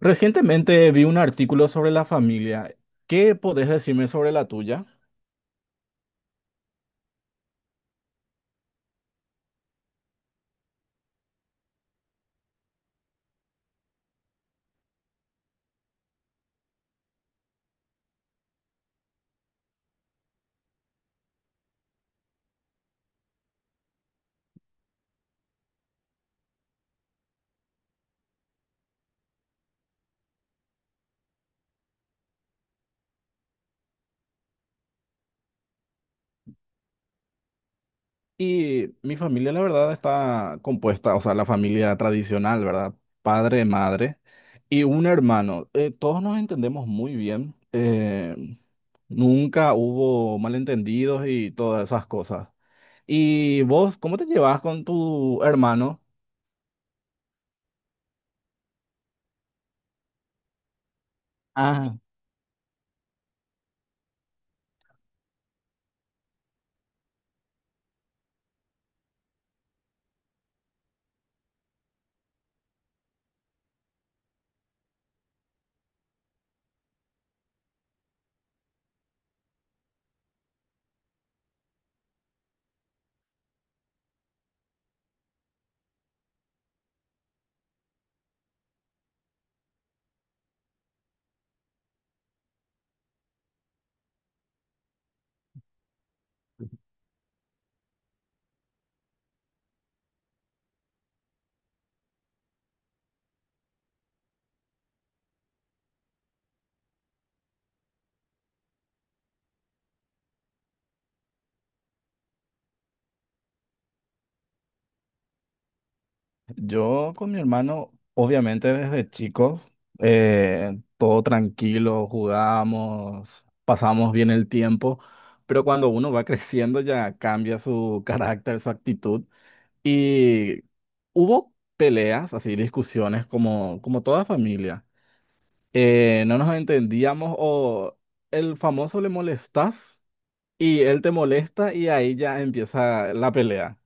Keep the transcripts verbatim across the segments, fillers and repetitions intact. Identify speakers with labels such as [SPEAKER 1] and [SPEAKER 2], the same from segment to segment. [SPEAKER 1] Recientemente vi un artículo sobre la familia. ¿Qué podés decirme sobre la tuya? Y mi familia, la verdad, está compuesta, o sea, la familia tradicional, ¿verdad? Padre, madre y un hermano. Eh, todos nos entendemos muy bien. eh, nunca hubo malentendidos y todas esas cosas. ¿Y vos, cómo te llevas con tu hermano? Ah. Yo con mi hermano, obviamente desde chicos, eh, todo tranquilo, jugamos, pasamos bien el tiempo, pero cuando uno va creciendo ya cambia su carácter, su actitud. Y hubo peleas, así discusiones como, como toda familia. Eh, no nos entendíamos o el famoso le molestas y él te molesta y ahí ya empieza la pelea.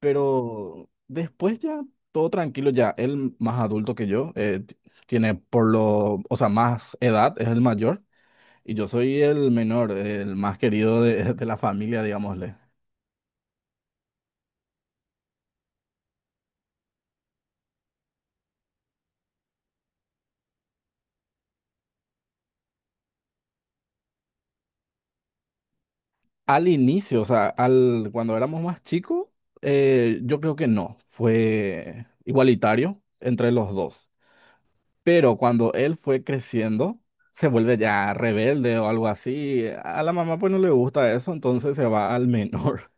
[SPEAKER 1] Pero después ya, todo tranquilo, ya él más adulto que yo, eh, t- tiene por lo, o sea, más edad, es el mayor, y yo soy el menor, el más querido de, de la familia, digámosle. Al inicio, o sea, al, cuando éramos más chicos, eh, yo creo que no, fue igualitario entre los dos. Pero cuando él fue creciendo, se vuelve ya rebelde o algo así. A la mamá pues no le gusta eso, entonces se va al menor.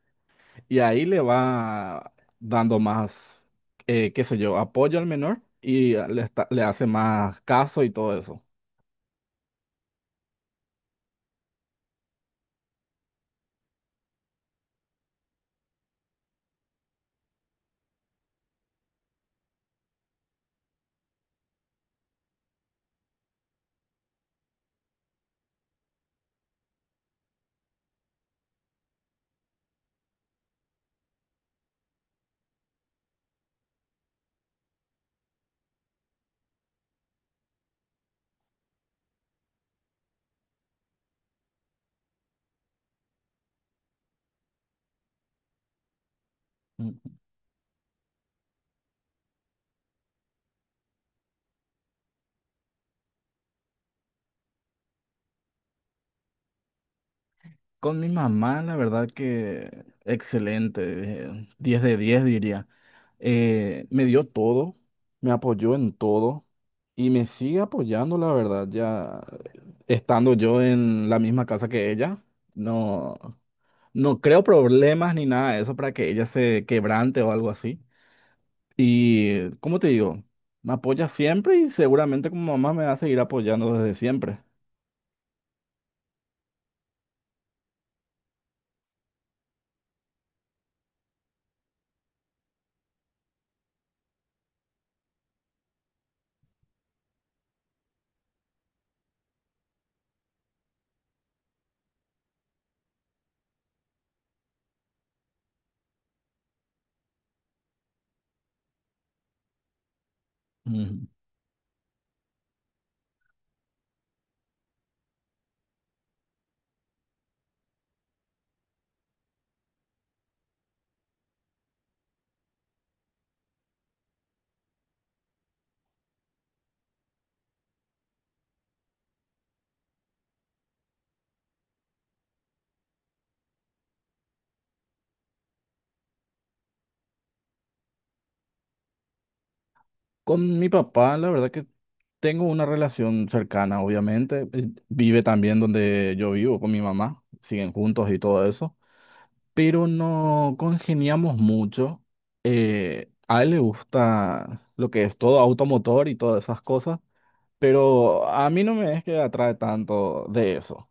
[SPEAKER 1] Y ahí le va dando más, eh, qué sé yo, apoyo al menor y le, está- le hace más caso y todo eso. Ujú. Con mi mamá, la verdad que excelente, eh, diez de diez diría. Eh, me dio todo, me apoyó en todo y me sigue apoyando, la verdad, ya estando yo en la misma casa que ella. No, no creo problemas ni nada de eso para que ella se quebrante o algo así. Y, ¿cómo te digo? Me apoya siempre y seguramente como mamá me va a seguir apoyando desde siempre. Ujú. Con mi papá, la verdad que tengo una relación cercana, obviamente. Él vive también donde yo vivo con mi mamá, siguen juntos y todo eso, pero no congeniamos mucho. Eh, a él le gusta lo que es todo automotor y todas esas cosas, pero a mí no me es que atrae tanto de eso.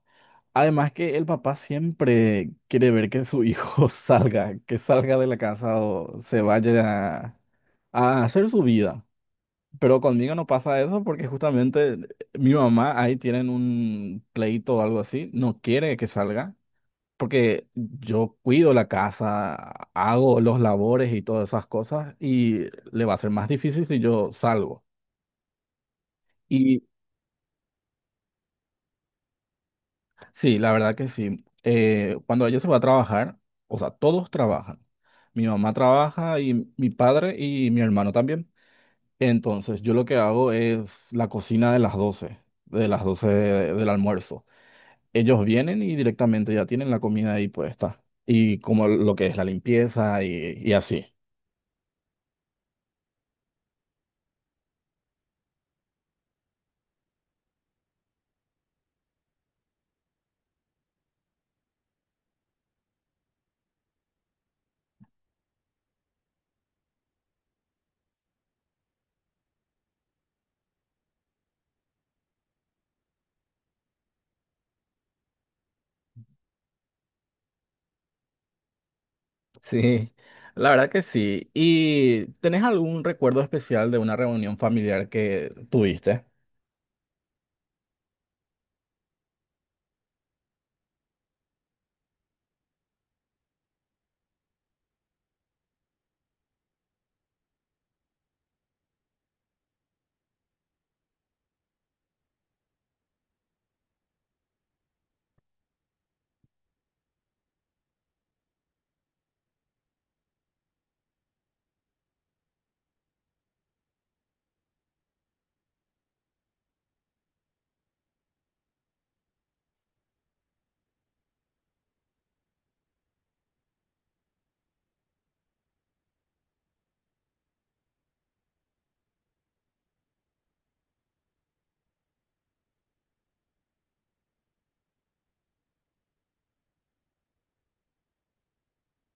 [SPEAKER 1] Además que el papá siempre quiere ver que su hijo salga, que salga de la casa o se vaya a, a hacer su vida. Pero conmigo no pasa eso porque justamente mi mamá ahí tienen un pleito o algo así, no quiere que salga porque yo cuido la casa, hago los labores y todas esas cosas y le va a ser más difícil si yo salgo. Sí, la verdad que sí. Eh, cuando ella se va a trabajar, o sea, todos trabajan. Mi mamá trabaja y mi padre y mi hermano también. Entonces, yo lo que hago es la cocina de las doce, de las doce de- del almuerzo. Ellos vienen y directamente ya tienen la comida ahí puesta. Y como lo que es la limpieza y, y así. Sí, la verdad que sí. ¿Y tenés algún recuerdo especial de una reunión familiar que tuviste?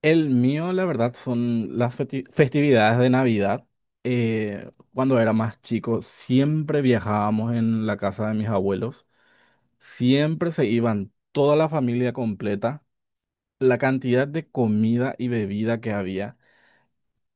[SPEAKER 1] El mío, la verdad, son las festi- festividades de Navidad. Eh, cuando era más chico, siempre viajábamos en la casa de mis abuelos. Siempre se iban toda la familia completa. La cantidad de comida y bebida que había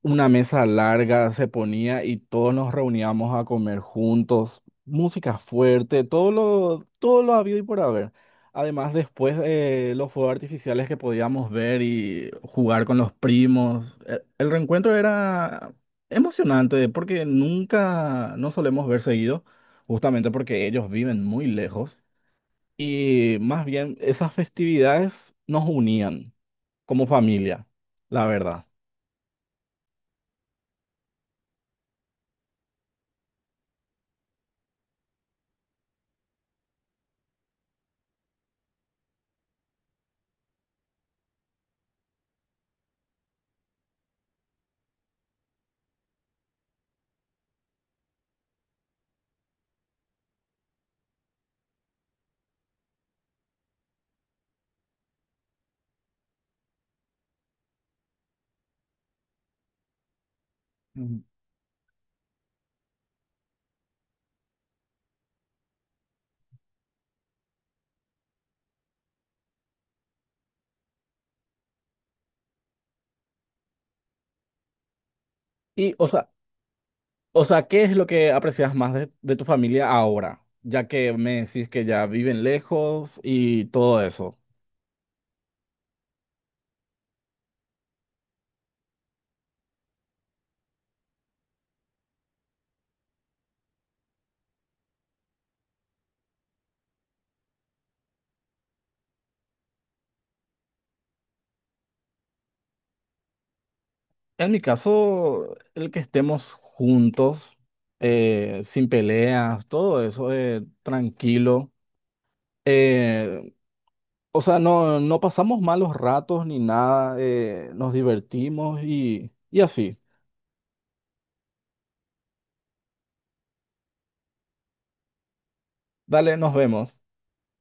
[SPEAKER 1] una mesa larga se ponía y todos nos reuníamos a comer juntos, música fuerte, todo lo, todo lo habido y por haber. Además, después eh, los fuegos artificiales que podíamos ver y jugar con los primos, E- el reencuentro era emocionante porque nunca no solemos ver seguido, justamente porque ellos viven muy lejos y más bien esas festividades nos unían como familia, la verdad. Ujú. Y, o sea, O sea, ¿qué es lo que aprecias más de, de tu familia ahora? Ya que me decís que ya viven lejos y todo eso. En mi caso, el que estemos juntos, eh, sin peleas, todo eso, eh, tranquilo. Eh, o sea, no, no pasamos malos ratos ni nada, eh, nos divertimos y, y así. Dale, nos vemos.